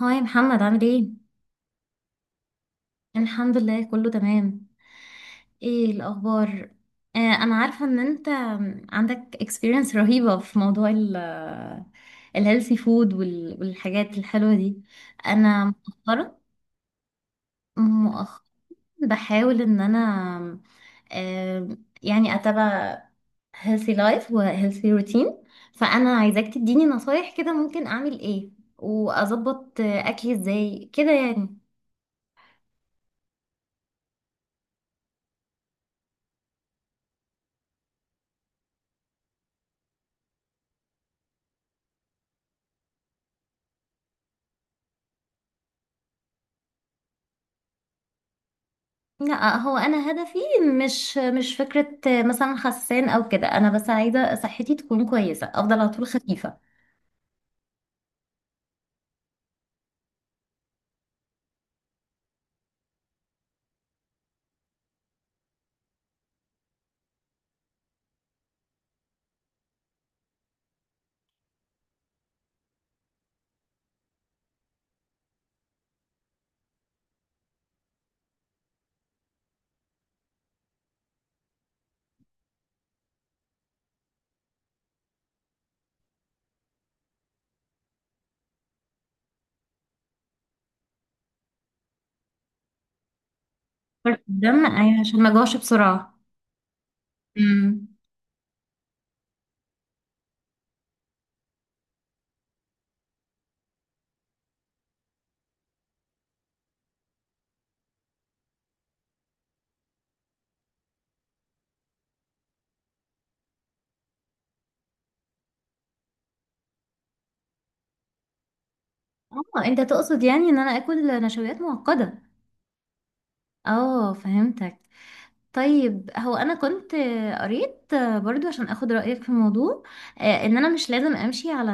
هاي محمد، عامل ايه؟ الحمد لله، كله تمام. ايه الأخبار؟ أنا عارفة إن أنت عندك experience رهيبة في موضوع الهيلثي فود والحاجات الحلوة دي. أنا مؤخرا بحاول إن أنا آه يعني أتابع healthy life و healthy routine. فأنا عايزاك تديني نصايح كده، ممكن أعمل ايه وأظبط أكلي ازاي كده يعني. لا، هو انا هدفي مش فكره مثلا خسان او كده، انا بس عايزه صحتي تكون كويسه، افضل على طول خفيفه. برضه الدم، أيوة، عشان ما اجوعش بسرعه. امم. اه، انت تقصد يعني ان انا اكل نشويات معقده. اه، فهمتك. طيب، هو انا كنت قريت برضو عشان اخد رايك في الموضوع، ان انا مش لازم امشي على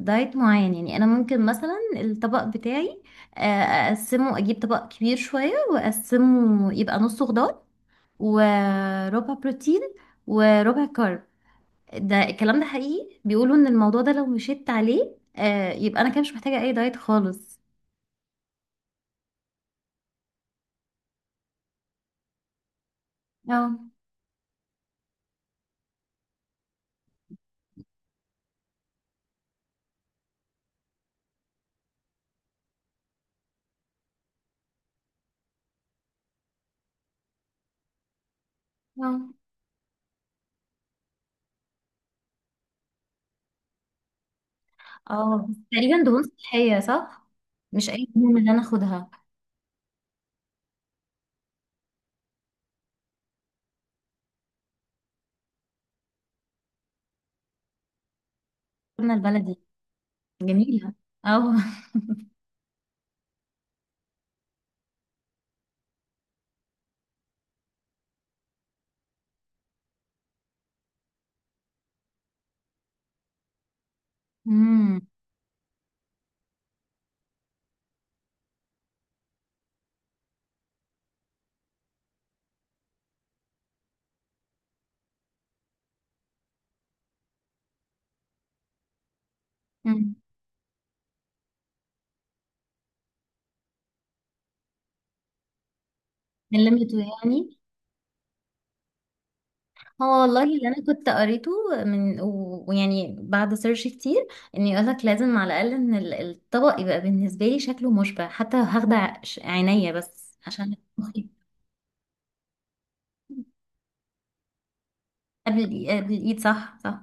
دايت معين. يعني انا ممكن مثلا الطبق بتاعي، آه، اقسمه، اجيب طبق كبير شويه واقسمه يبقى نصه خضار، وربع بروتين، وربع كارب. ده الكلام ده حقيقي؟ بيقولوا ان الموضوع ده لو مشيت عليه يبقى انا كده مش محتاجة اي دايت خالص. اه. اه. اه، بس تقريبا دهون صحية، صح؟ مش اي دهون اللي انا اخدها. قلنا البلدي. جميلة. اه. امم. مم. من لميته يعني. هو والله اللي انا كنت قريته، من ويعني بعد سيرش كتير، ان يقولك لازم على الاقل ان الطبق يبقى بالنسبه لي شكله مشبع، حتى هاخدة عينيا بس عشان مخي. قبل الايد، صح صح.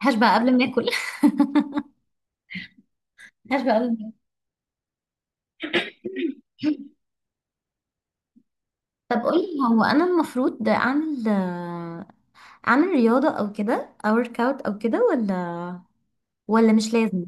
هشبع قبل ما اكل. هشبع قبل ما اكل. طب قولي، هو انا المفروض اعمل رياضه او كده، او ورك اوت او كده، ولا مش لازم؟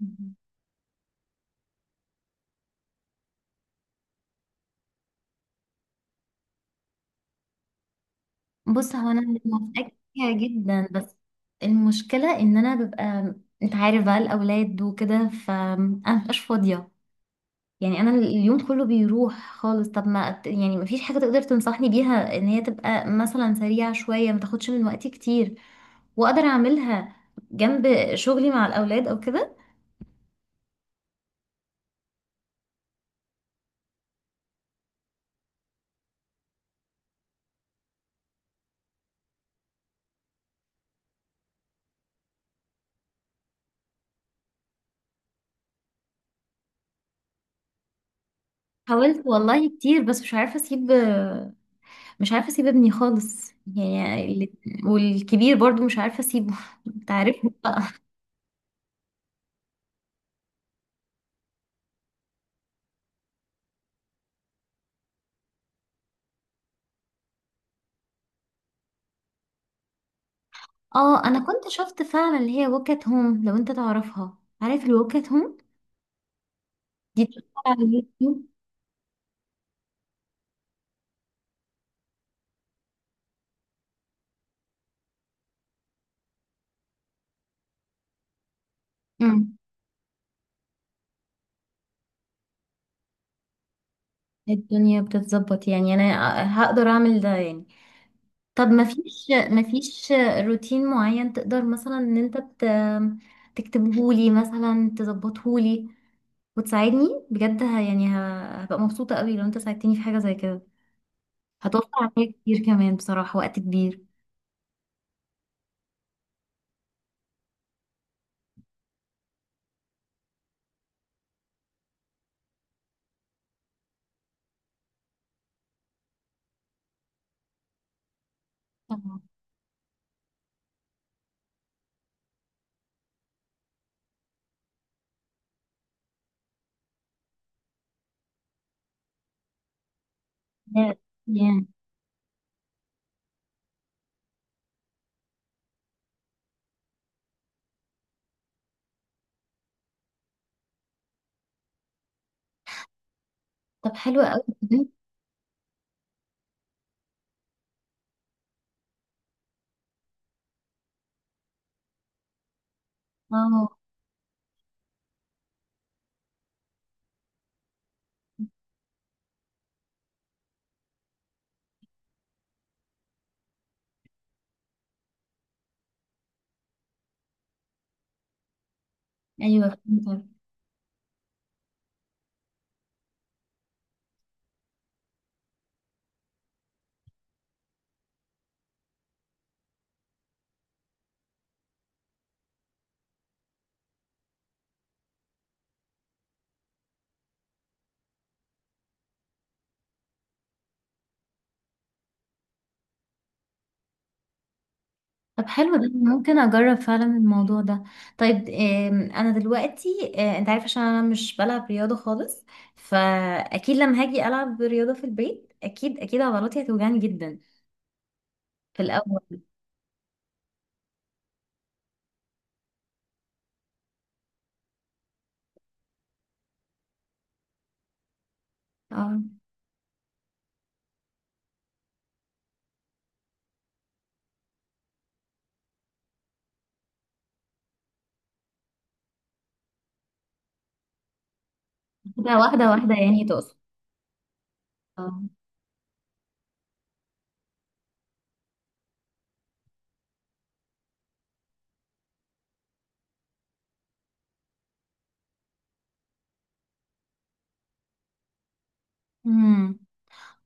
بص، هو انا موافقاك فيها جدا، بس المشكله ان انا ببقى، انت عارف بقى الاولاد وكده، فانا مبقاش فاضيه. يعني انا اليوم كله بيروح خالص. طب ما يعني، ما فيش حاجه تقدر تنصحني بيها ان هي تبقى مثلا سريعه شويه، ما تاخدش من وقتي كتير، واقدر اعملها جنب شغلي مع الاولاد او كده؟ حاولت والله كتير، بس مش عارفه اسيب ابني خالص. يعني والكبير برضو مش عارفه اسيبه. انت عارف. اه، انا كنت شفت فعلا اللي هي ووك ات هوم، لو انت تعرفها، عارف الووك ات هوم؟ دي بتشتغل على اليوتيوب. امم. الدنيا بتتظبط يعني، انا هقدر اعمل ده يعني. طب ما فيش روتين معين تقدر مثلا ان انت تكتبه لي، مثلا تظبطه لي، وتساعدني بجد؟ يعني هبقى مبسوطة قوي لو انت ساعدتني في حاجة زي كده. هتوفر عليا كتير كمان بصراحة، وقت كبير. طبعا. yeah. yeah. طب حلو قوي. اه. ايوه. فهمت. طب حلو، ده ممكن اجرب فعلا الموضوع ده. طيب انا دلوقتي، انت عارف، عشان انا مش بلعب رياضة خالص، فاكيد لما هاجي العب رياضة في البيت اكيد اكيد عضلاتي هتوجعني جدا في الاول. اه، كده واحدة واحدة يعني تقصد؟ اه. امم.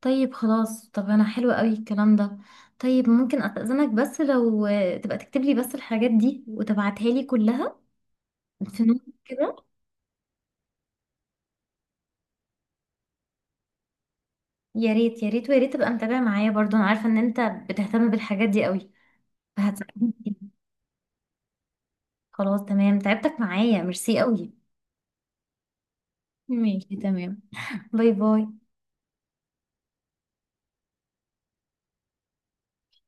طيب خلاص. طب انا حلو قوي الكلام ده. طيب ممكن استأذنك، بس لو تبقى تكتب لي بس الحاجات دي، وتبعتها لي كلها في نوت كده؟ يا ريت يا ريت، ويا ريت تبقى متابع معايا برضو، انا عارفه ان انت بتهتم بالحاجات دي قوي، فهتساعدني كتير. خلاص تمام، تعبتك معايا، ميرسي قوي. ماشي تمام. باي باي.